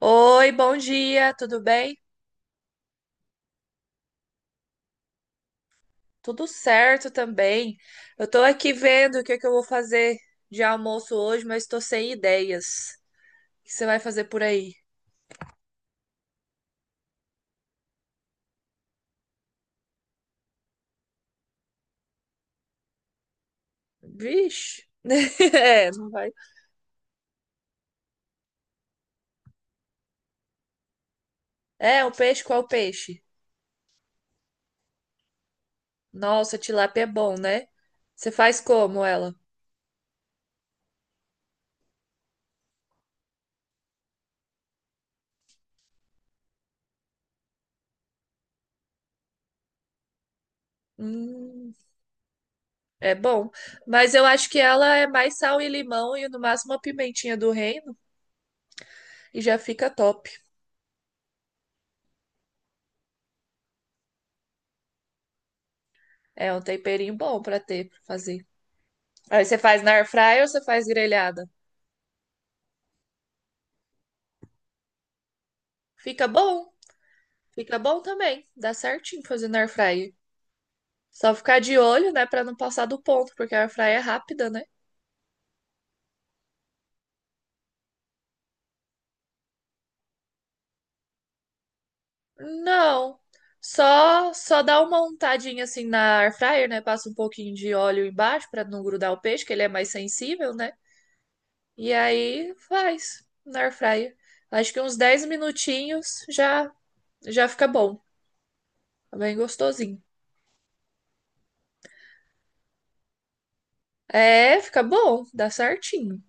Oi, bom dia, tudo bem? Tudo certo também. Eu tô aqui vendo o que é que eu vou fazer de almoço hoje, mas tô sem ideias. O que você vai fazer por aí? Vixe. É, não vai. É, o peixe, qual peixe? Nossa, tilápia é bom, né? Você faz como ela? Hum, é bom. Mas eu acho que ela é mais sal e limão e no máximo uma pimentinha do reino e já fica top. É um temperinho bom pra ter, pra fazer. Aí você faz na air fryer ou você faz grelhada? Fica bom, fica bom também. Dá certinho fazer na air fryer. Só ficar de olho, né, pra não passar do ponto, porque a air fryer é rápida, né? Não. Só dá uma untadinha assim na air fryer, né? Passa um pouquinho de óleo embaixo pra não grudar o peixe, que ele é mais sensível, né? E aí faz na air fryer. Acho que uns 10 minutinhos já já fica bom. Tá bem gostosinho. É, fica bom, dá certinho.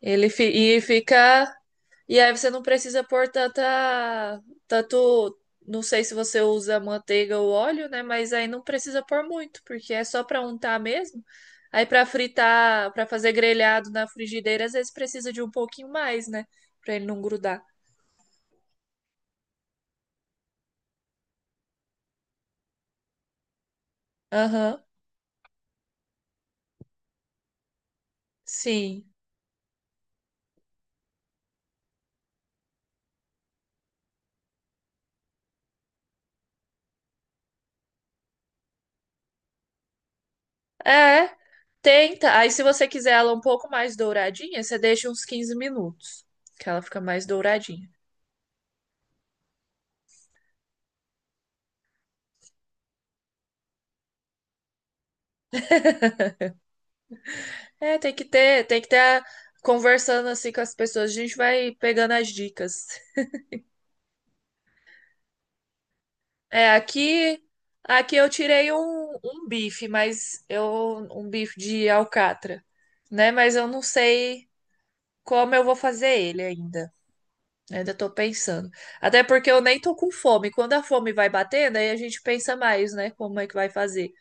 Ele fi- e fica E aí você não precisa pôr tanta, tanto, não sei se você usa manteiga ou óleo, né? Mas aí não precisa pôr muito, porque é só para untar mesmo. Aí para fritar, para fazer grelhado na frigideira, às vezes precisa de um pouquinho mais, né? Para ele não grudar. Aham, sim. É, tenta. Aí se você quiser ela um pouco mais douradinha, você deixa uns 15 minutos, que ela fica mais douradinha. É, tem que ter, conversando assim com as pessoas, a gente vai pegando as dicas. É, aqui, aqui eu tirei um bife, mas eu um bife de alcatra, né? Mas eu não sei como eu vou fazer ele ainda, né? Ainda tô pensando. Até porque eu nem tô com fome. Quando a fome vai batendo, aí a gente pensa mais, né? Como é que vai fazer?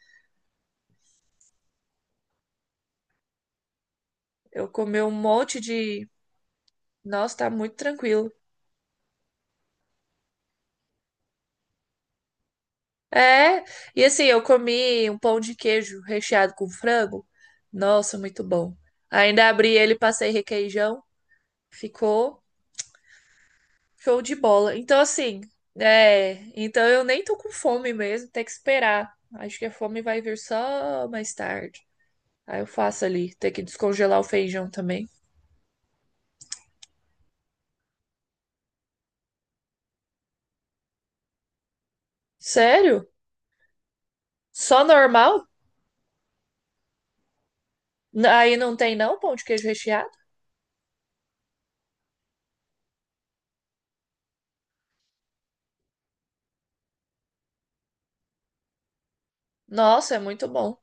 Eu comi um monte de. Nossa, tá muito tranquilo. É, e assim, eu comi um pão de queijo recheado com frango. Nossa, muito bom. Ainda abri ele, passei requeijão. Ficou. Show de bola. Então, assim, é, então eu nem tô com fome mesmo, tem que esperar. Acho que a fome vai vir só mais tarde. Aí eu faço ali, tem que descongelar o feijão também. Sério? Só normal? Aí não tem não pão de queijo recheado? Nossa, é muito bom.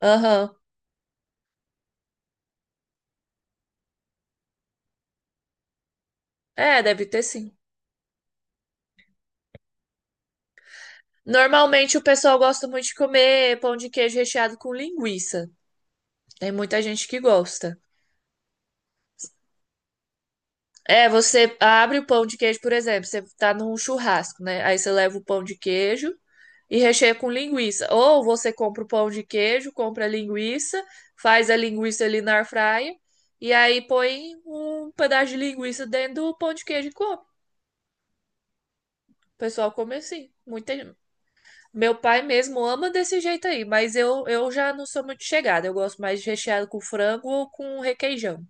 Aham. É, deve ter sim. Normalmente o pessoal gosta muito de comer pão de queijo recheado com linguiça. Tem muita gente que gosta. É, você abre o pão de queijo, por exemplo, você tá num churrasco, né? Aí você leva o pão de queijo e recheia com linguiça. Ou você compra o pão de queijo, compra a linguiça, faz a linguiça ali na airfryer e aí põe um pedaço de linguiça dentro do pão de queijo e come. O pessoal come assim. Muita... Meu pai mesmo ama desse jeito aí, mas eu já não sou muito chegada. Eu gosto mais de recheado com frango ou com requeijão.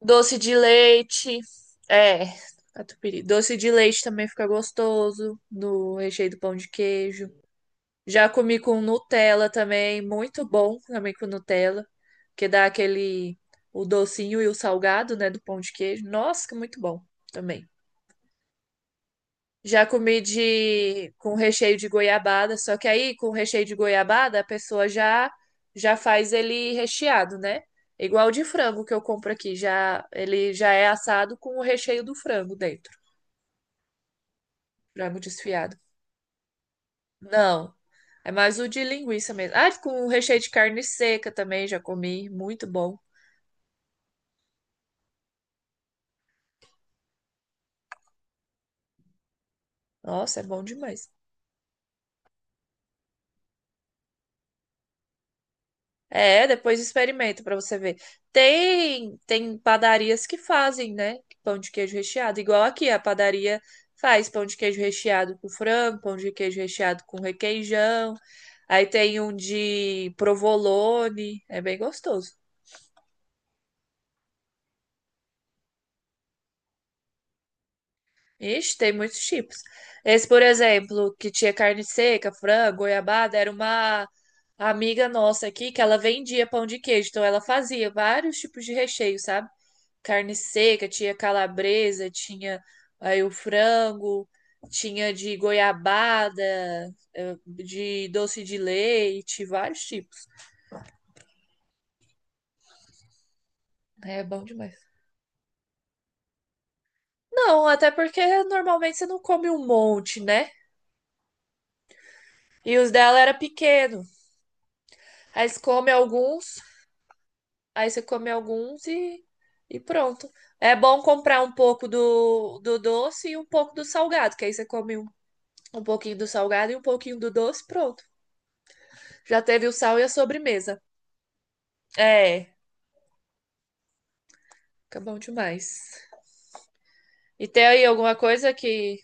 Doce de leite. É, catupiry. Doce de leite também fica gostoso no recheio do pão de queijo. Já comi com Nutella também, muito bom também com Nutella, que dá aquele o docinho e o salgado, né, do pão de queijo. Nossa, que muito bom também. Já comi de com recheio de goiabada, só que aí com recheio de goiabada a pessoa já já faz ele recheado, né? Igual o de frango que eu compro aqui, já ele já é assado com o recheio do frango dentro, frango desfiado. Não, é mais o de linguiça mesmo. Ah, com recheio de carne seca também já comi, muito bom. Nossa, é bom demais. É, depois experimenta pra você ver. Tem padarias que fazem, né? Pão de queijo recheado, igual aqui a padaria faz pão de queijo recheado com frango, pão de queijo recheado com requeijão. Aí tem um de provolone, é bem gostoso. Ixi, tem muitos tipos. Esse, por exemplo, que tinha carne seca, frango, goiabada, era uma amiga nossa aqui que ela vendia pão de queijo, então ela fazia vários tipos de recheio, sabe? Carne seca, tinha calabresa, tinha aí o frango, tinha de goiabada, de doce de leite, vários tipos. É bom demais. Não, até porque normalmente você não come um monte, né? E os dela era pequeno. Aí você come alguns, aí você come alguns e pronto. É bom comprar um pouco do, do doce e um pouco do salgado, que aí você come um, um pouquinho do salgado e um pouquinho do doce, pronto. Já teve o sal e a sobremesa. É, fica bom demais. E tem aí alguma coisa que.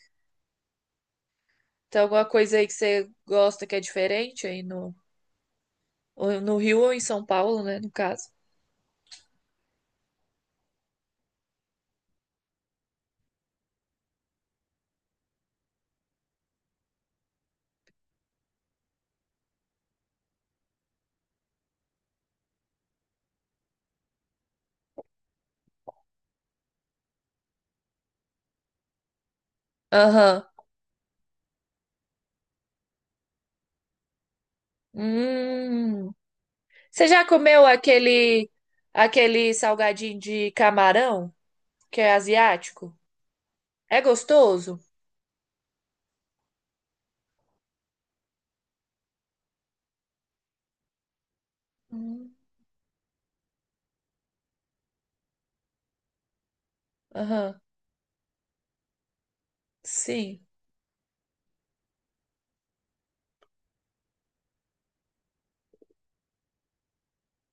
Tem alguma coisa aí que você gosta que é diferente aí no, ou no Rio ou em São Paulo, né? No caso. Aham. Hum. Você já comeu aquele aquele salgadinho de camarão, que é asiático? É gostoso? Hum. Aham. Sim.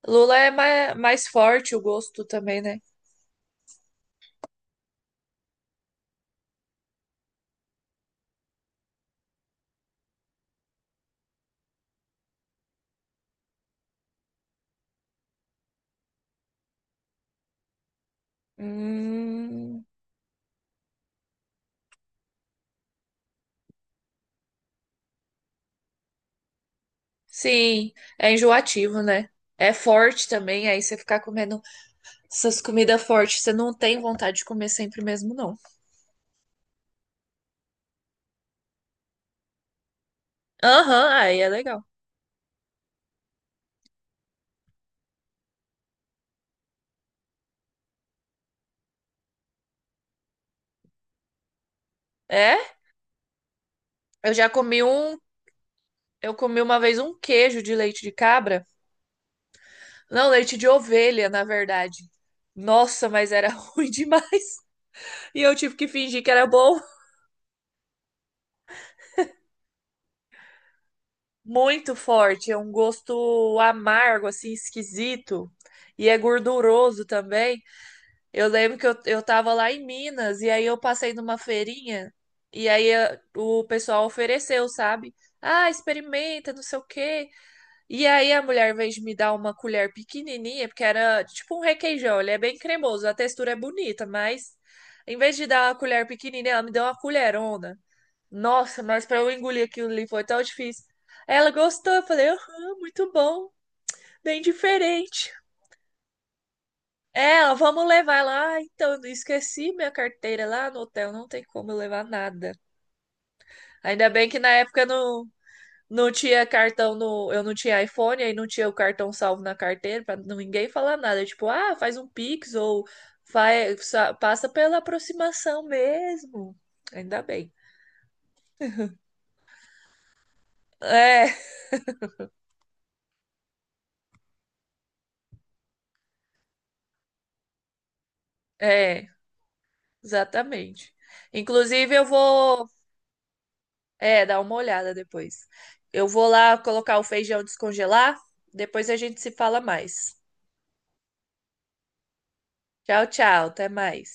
Lula é mais, mais forte o gosto também, né? Hum. Sim, é enjoativo, né? É forte também, aí você ficar comendo essas comidas fortes, você não tem vontade de comer sempre mesmo, não. Aham, aí é legal. É? Eu já comi um, eu comi uma vez um queijo de leite de cabra. Não, leite de ovelha, na verdade. Nossa, mas era ruim demais. E eu tive que fingir que era bom. Muito forte, é um gosto amargo, assim, esquisito. E é gorduroso também. Eu lembro que eu tava lá em Minas e aí eu passei numa feirinha e aí o pessoal ofereceu, sabe? Ah, experimenta, não sei o quê. E aí a mulher, em vez de me dar uma colher pequenininha, porque era tipo um requeijão, ele é bem cremoso, a textura é bonita, mas em vez de dar uma colher pequenininha, ela me deu uma colherona. Nossa, mas pra eu engolir aquilo ali foi tão difícil. Ela gostou, eu falei, aham, muito bom, bem diferente. É, ó, vamos levar lá. Ah, então, eu esqueci minha carteira lá no hotel, não tem como eu levar nada. Ainda bem que na época não, não tinha cartão no, eu não tinha iPhone, aí não tinha o cartão salvo na carteira para ninguém falar nada, tipo, ah, faz um Pix ou faz, passa pela aproximação mesmo. Ainda bem. É, é, exatamente. Inclusive eu vou, é, dar uma olhada depois. Eu vou lá colocar o feijão descongelar, depois a gente se fala mais. Tchau, tchau. Até mais.